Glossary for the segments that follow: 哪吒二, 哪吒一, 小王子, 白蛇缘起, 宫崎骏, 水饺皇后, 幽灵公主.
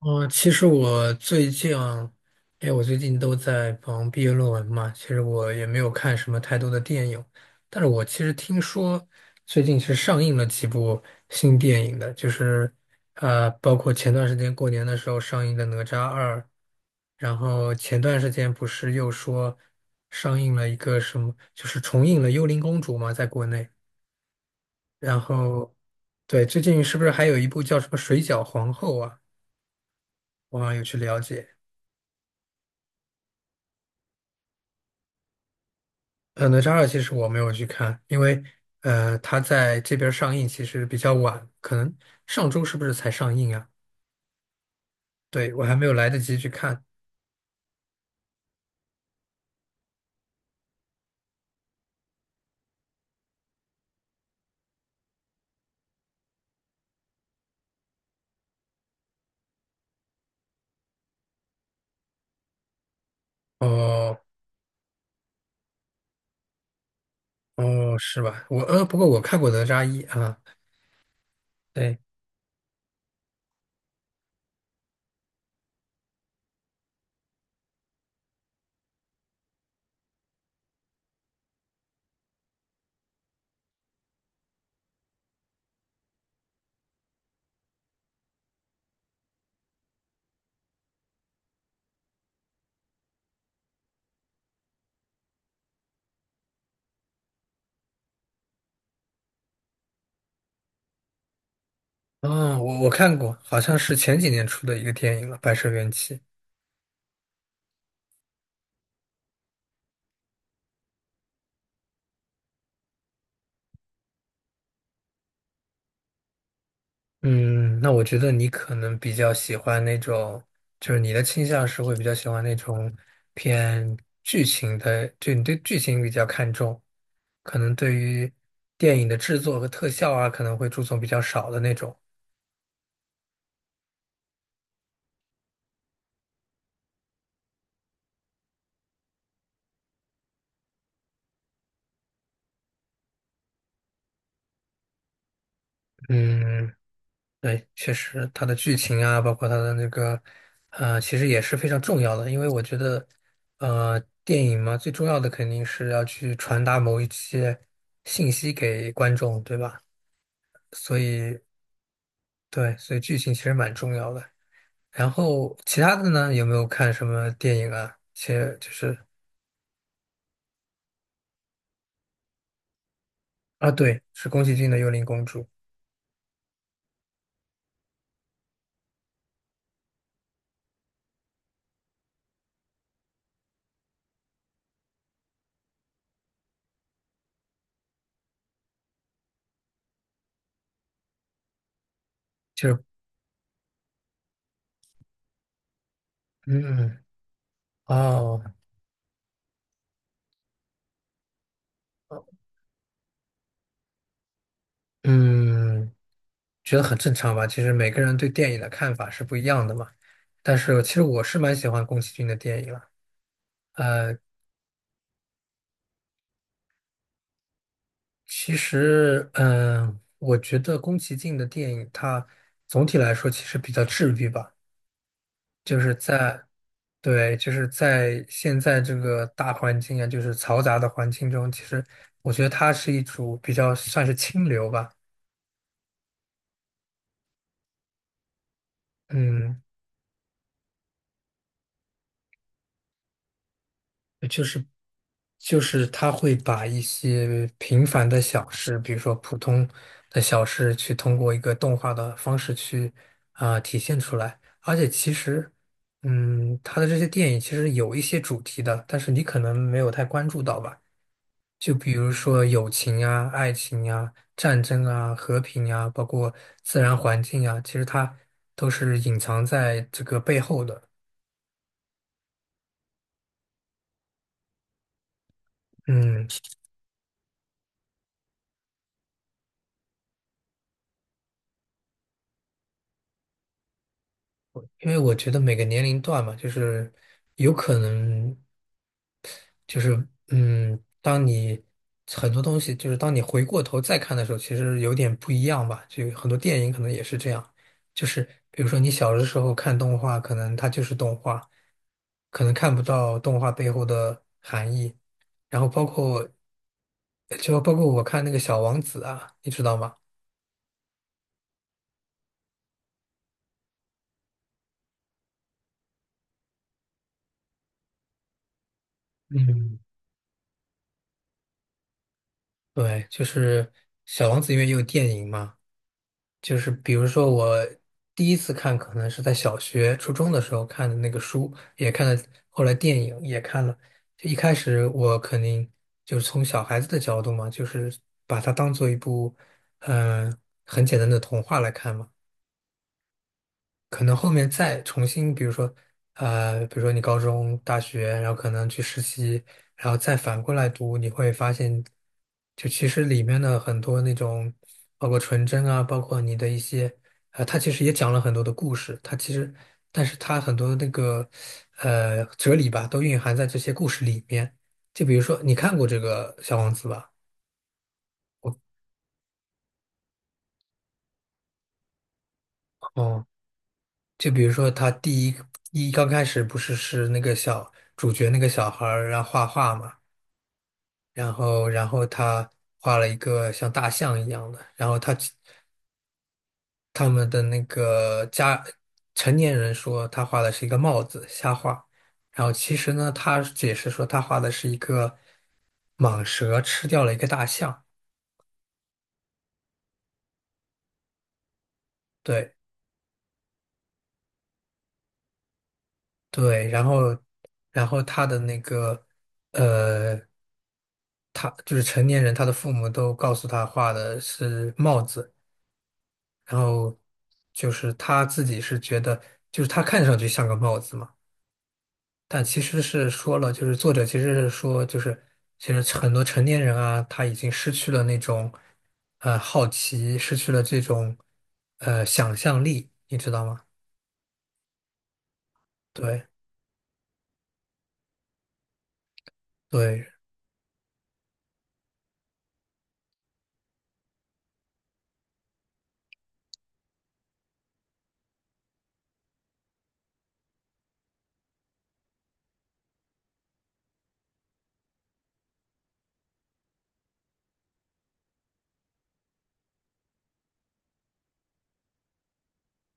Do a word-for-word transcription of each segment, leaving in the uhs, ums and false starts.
哦，其实我最近，因为我最近都在忙毕业论文嘛，其实我也没有看什么太多的电影，但是我其实听说最近是上映了几部新电影的，就是呃，包括前段时间过年的时候上映的《哪吒二》，然后前段时间不是又说上映了一个什么，就是重映了《幽灵公主》嘛，在国内，然后对，最近是不是还有一部叫什么《水饺皇后》啊？我好像有去了解。呃，哪吒二其实我没有去看，因为呃，它在这边上映其实比较晚，可能上周是不是才上映啊？对，我还没有来得及去看。哦哦，是吧？我呃，不过我看过哪吒一啊，对，嗯，我我看过，好像是前几年出的一个电影了，《白蛇缘起》。嗯，那我觉得你可能比较喜欢那种，就是你的倾向是会比较喜欢那种偏剧情的，就你对剧情比较看重，可能对于电影的制作和特效啊，可能会注重比较少的那种。嗯，对，确实，它的剧情啊，包括它的那个，呃，其实也是非常重要的，因为我觉得，呃，电影嘛，最重要的肯定是要去传达某一些信息给观众，对吧？所以。对，所以剧情其实蛮重要的。然后其他的呢，有没有看什么电影啊？其实就是啊，对，是宫崎骏的《幽灵公主》，就是嗯哦嗯，觉得很正常吧。其实每个人对电影的看法是不一样的嘛。但是其实我是蛮喜欢宫崎骏的电影了。呃，其实，嗯，我觉得宫崎骏的电影，它总体来说其实比较治愈吧，就是在对，就是在现在这个大环境啊，就是嘈杂的环境中，其实我觉得它是一种比较算是清流吧，嗯，就是就是它会把一些平凡的小事，比如说普通的小事，去通过一个动画的方式去啊、体现出来。而且其实，嗯，它的这些电影其实有一些主题的，但是你可能没有太关注到吧。就比如说友情啊、爱情啊、战争啊、和平啊，包括自然环境啊，其实它都是隐藏在这个背后的。嗯，因为我觉得每个年龄段嘛，就是有可能，就是嗯，当你很多东西，就是当你回过头再看的时候，其实有点不一样吧。就很多电影可能也是这样，就是比如说你小的时候看动画，可能它就是动画，可能看不到动画背后的含义。然后包括就包括我看那个《小王子》啊，你知道吗？嗯，对，就是《小王子》因为也有电影嘛。就是比如说我第一次看可能是在小学、初中的时候看的那个书，也看了，后来电影也看了。就一开始我肯定就是从小孩子的角度嘛，就是把它当做一部嗯、呃很简单的童话来看嘛。可能后面再重新，比如说，呃，比如说你高中、大学，然后可能去实习，然后再反过来读，你会发现，就其实里面的很多那种，包括纯真啊，包括你的一些，呃，它其实也讲了很多的故事，它其实，但是它很多那个，呃，哲理吧，都蕴含在这些故事里面。就比如说，你看过这个《小王子》吧？哦，就比如说他第一第一刚开始不是是那个小主角那个小孩儿，然后画画嘛。然后然后他画了一个像大象一样的，然后他他们的那个家成年人说他画的是一个帽子，瞎画，然后其实呢，他解释说他画的是一个蟒蛇吃掉了一个大象，对对，然后然后他的那个呃。他就是成年人，他的父母都告诉他画的是帽子，然后就是他自己是觉得，就是他看上去像个帽子嘛，但其实是说了，就是作者其实是说，就是其实很多成年人啊，他已经失去了那种呃好奇，失去了这种呃想象力，你知道吗？对对，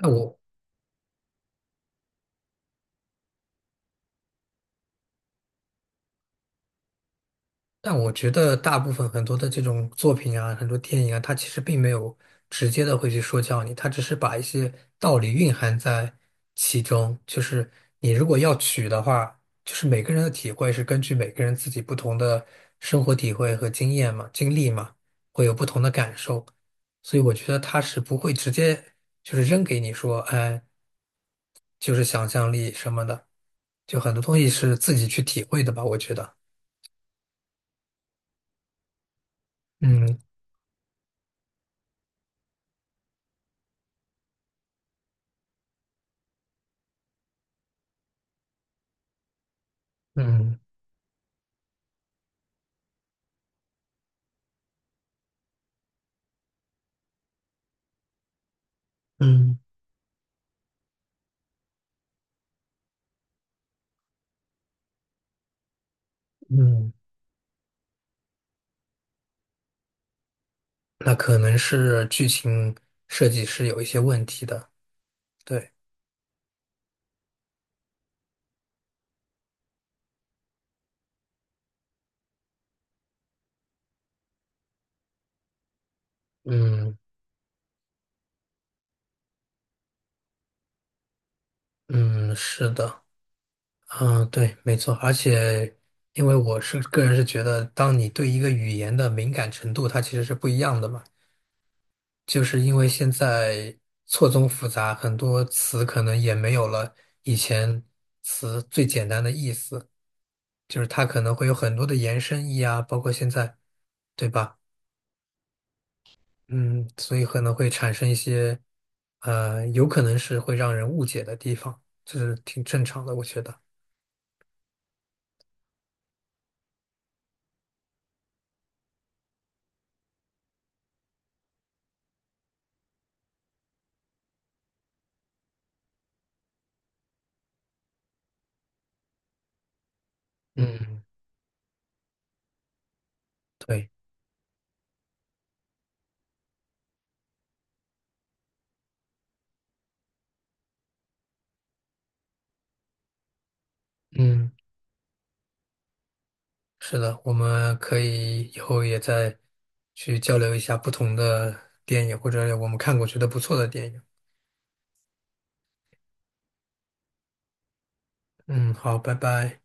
但我但我觉得大部分很多的这种作品啊，很多电影啊，它其实并没有直接的会去说教你，它只是把一些道理蕴含在其中。就是你如果要取的话，就是每个人的体会是根据每个人自己不同的生活体会和经验嘛、经历嘛，会有不同的感受。所以我觉得它是不会直接就是扔给你说，哎，就是想象力什么的，就很多东西是自己去体会的吧，我觉得。嗯嗯。嗯嗯，那可能是剧情设计是有一些问题的。对，嗯嗯，是的，嗯，对，没错。而且，因为我是个人是觉得，当你对一个语言的敏感程度，它其实是不一样的嘛。就是因为现在错综复杂，很多词可能也没有了以前词最简单的意思，就是它可能会有很多的延伸义啊，包括现在，对吧？嗯，所以可能会产生一些，呃，有可能是会让人误解的地方，这是挺正常的，我觉得。嗯对，嗯是的，我们可以以后也再去交流一下不同的电影，或者我们看过觉得不错的电影。嗯，好，拜拜。